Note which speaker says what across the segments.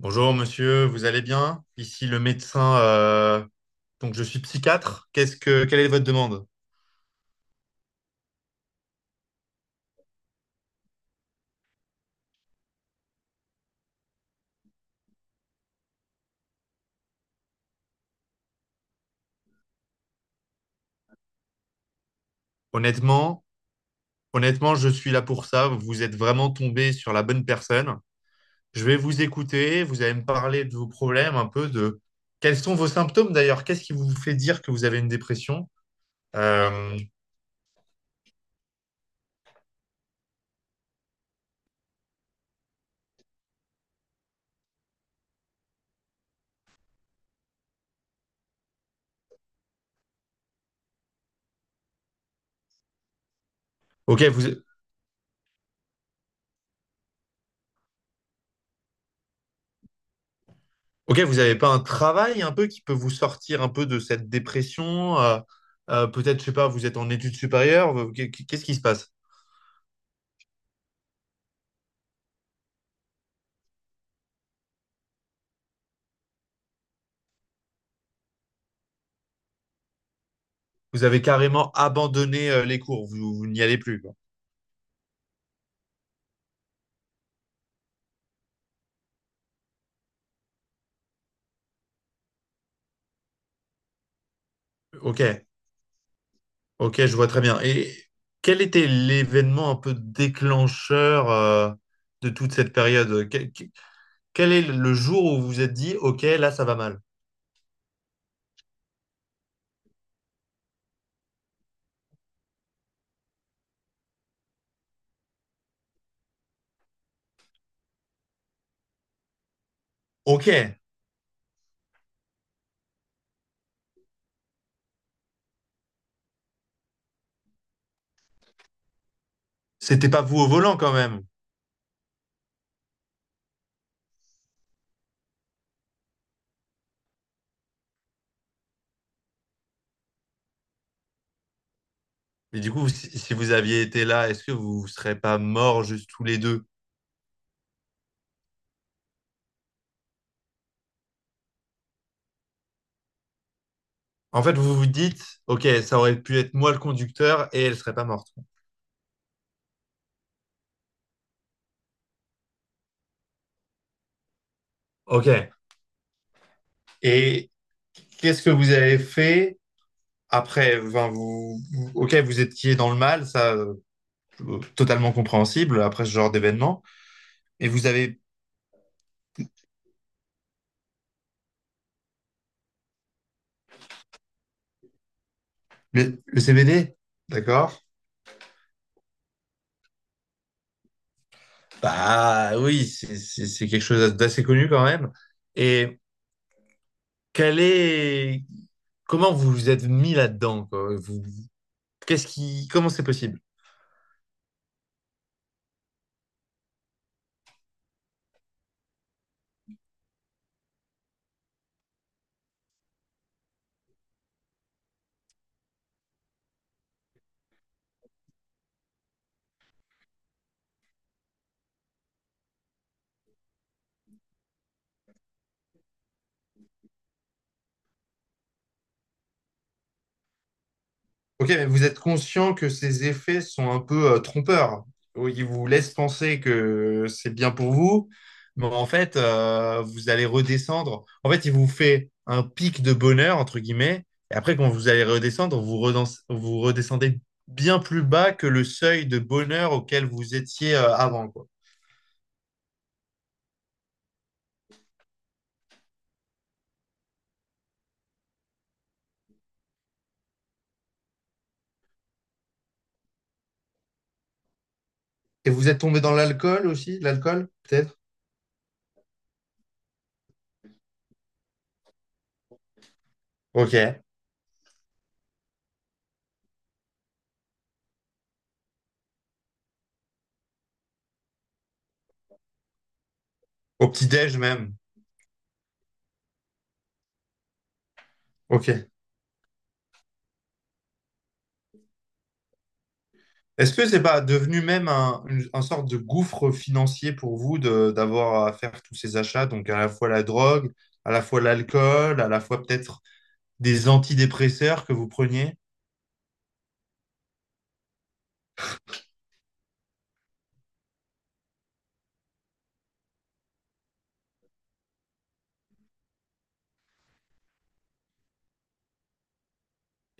Speaker 1: Bonjour monsieur, vous allez bien? Ici le médecin, donc je suis psychiatre. Quelle est votre demande? Honnêtement, honnêtement, je suis là pour ça. Vous êtes vraiment tombé sur la bonne personne. Je vais vous écouter. Vous allez me parler de vos problèmes, un peu de quels sont vos symptômes d'ailleurs. Qu'est-ce qui vous fait dire que vous avez une dépression? Euh, ok, vous, ok, vous n'avez pas un travail un peu qui peut vous sortir un peu de cette dépression? Peut-être, je sais pas, vous êtes en études supérieures. Qu'est-ce qui se passe? Vous avez carrément abandonné les cours, vous, vous n'y allez plus, quoi. Ok, ok, je vois très bien. Et quel était l'événement un peu déclencheur de toute cette période? Quel est le jour où vous vous êtes dit, ok, là, ça va mal? Ok, c'était pas vous au volant quand même. Mais du coup, si vous aviez été là, est-ce que vous ne serez pas morts juste tous les deux? En fait, vous vous dites, ok, ça aurait pu être moi le conducteur et elle serait pas morte. Ok. Et qu'est-ce que vous avez fait? Après, enfin, ok, vous étiez dans le mal, ça, totalement compréhensible après ce genre d'événement. Et vous avez le CBD, d'accord? Bah oui, c'est quelque chose d'assez connu quand même. Et quel est, comment vous vous êtes mis là-dedans, quoi? Qu'est-ce qui, comment c'est possible? Ok, mais vous êtes conscient que ces effets sont un peu trompeurs. Oui, ils vous laissent penser que c'est bien pour vous, mais en fait, vous allez redescendre. En fait, il vous fait un pic de bonheur, entre guillemets, et après, quand vous allez redescendre, vous redescendez bien plus bas que le seuil de bonheur auquel vous étiez avant, quoi. Et vous êtes tombé dans l'alcool aussi, l'alcool, peut-être? Ok. Au petit-déj même. Ok. Est-ce que c'est pas devenu même un sorte de gouffre financier pour vous de, d'avoir à faire tous ces achats, donc à la fois la drogue, à la fois l'alcool, à la fois peut-être des antidépresseurs que vous preniez?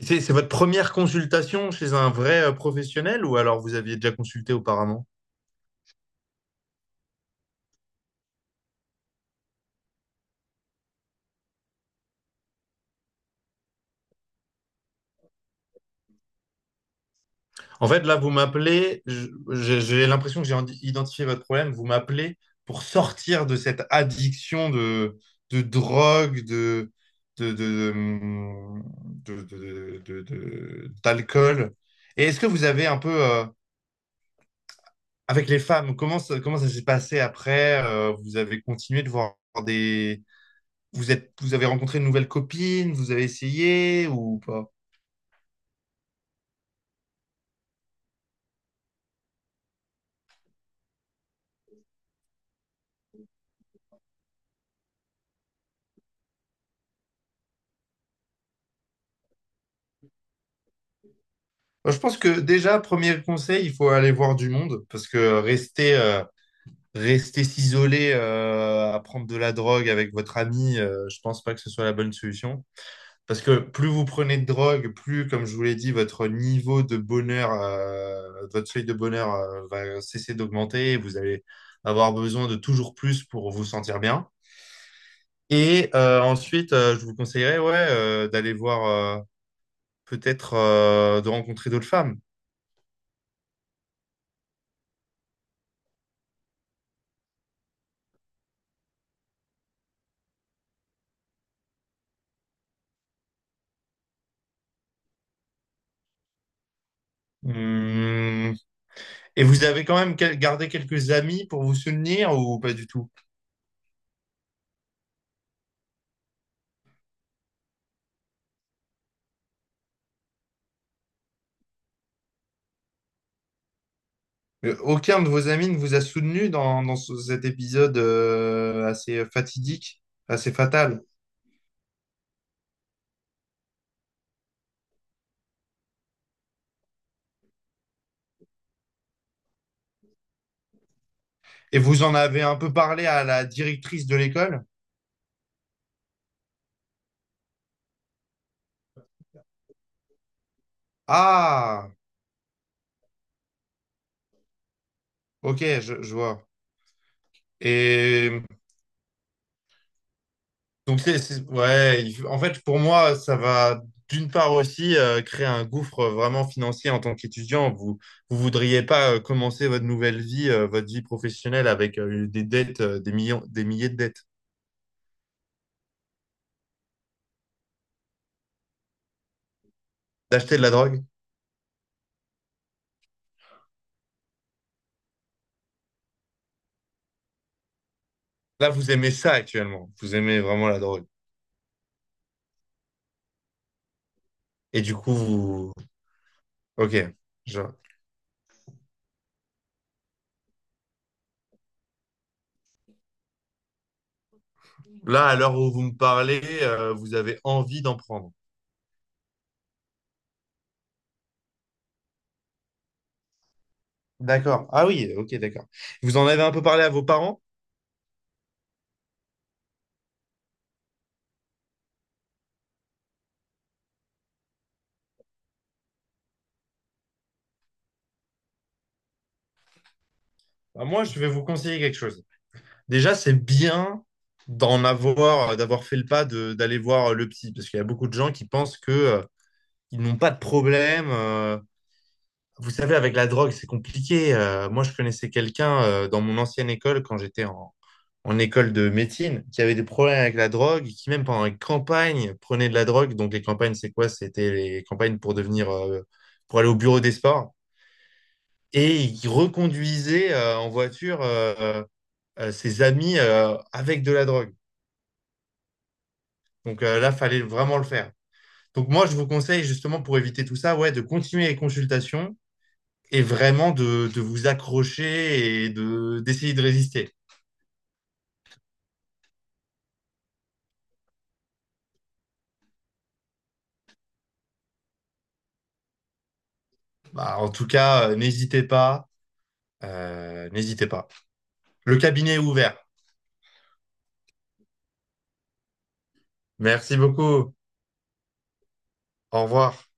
Speaker 1: C'est votre première consultation chez un vrai professionnel ou alors vous aviez déjà consulté auparavant? En fait, là, vous m'appelez, j'ai l'impression que identifié votre problème. Vous m'appelez pour sortir de cette addiction de drogue, de, de, d'alcool. Et est-ce que vous avez un peu, avec les femmes, comment ça s'est passé après? Vous avez continué de voir des... Vous êtes, vous avez rencontré de nouvelles copines, vous avez essayé ou pas? Je pense que déjà, premier conseil, il faut aller voir du monde parce que rester... Rester s'isoler à prendre de la drogue avec votre ami, je pense pas que ce soit la bonne solution. Parce que plus vous prenez de drogue, plus, comme je vous l'ai dit, votre niveau de bonheur, votre seuil de bonheur va cesser d'augmenter. Et vous allez avoir besoin de toujours plus pour vous sentir bien. Et je vous conseillerais ouais, d'aller voir, euh, peut-être de rencontrer d'autres femmes. Hmm. Et vous avez quand même gardé quelques amis pour vous soutenir ou pas du tout? Aucun de vos amis ne vous a soutenu dans, cet épisode assez fatidique, assez fatal. Et vous en avez un peu parlé à la directrice de l'école? Ah, ok, je vois. Et donc, ouais, en fait, pour moi, ça va d'une part aussi créer un gouffre vraiment financier en tant qu'étudiant. Vous vous voudriez pas commencer votre nouvelle vie, votre vie professionnelle avec des dettes, des millions, des milliers de dettes, d'acheter de la drogue. Là, vous aimez ça actuellement. Vous aimez vraiment la drogue. Et du coup, vous... Ok. je- Là, à l'heure où vous me parlez, vous avez envie d'en prendre. D'accord. Ah oui, ok, d'accord. Vous en avez un peu parlé à vos parents? Bah, moi, je vais vous conseiller quelque chose. Déjà, c'est bien d'avoir fait le pas d'aller voir le psy, parce qu'il y a beaucoup de gens qui pensent que, ils n'ont pas de problème. Vous savez, avec la drogue, c'est compliqué. Moi, je connaissais quelqu'un dans mon ancienne école quand en école de médecine, qui avaient des problèmes avec la drogue, qui même pendant les campagnes prenaient de la drogue. Donc les campagnes, c'est quoi? C'était les campagnes pour devenir, pour aller au bureau des sports. Et ils reconduisaient en voiture ses amis avec de la drogue. Donc là, fallait vraiment le faire. Donc moi, je vous conseille justement pour éviter tout ça, ouais, de continuer les consultations et vraiment de vous accrocher et de d'essayer de résister. Bah, en tout cas, n'hésitez pas. Le cabinet est ouvert. Merci beaucoup. Au revoir.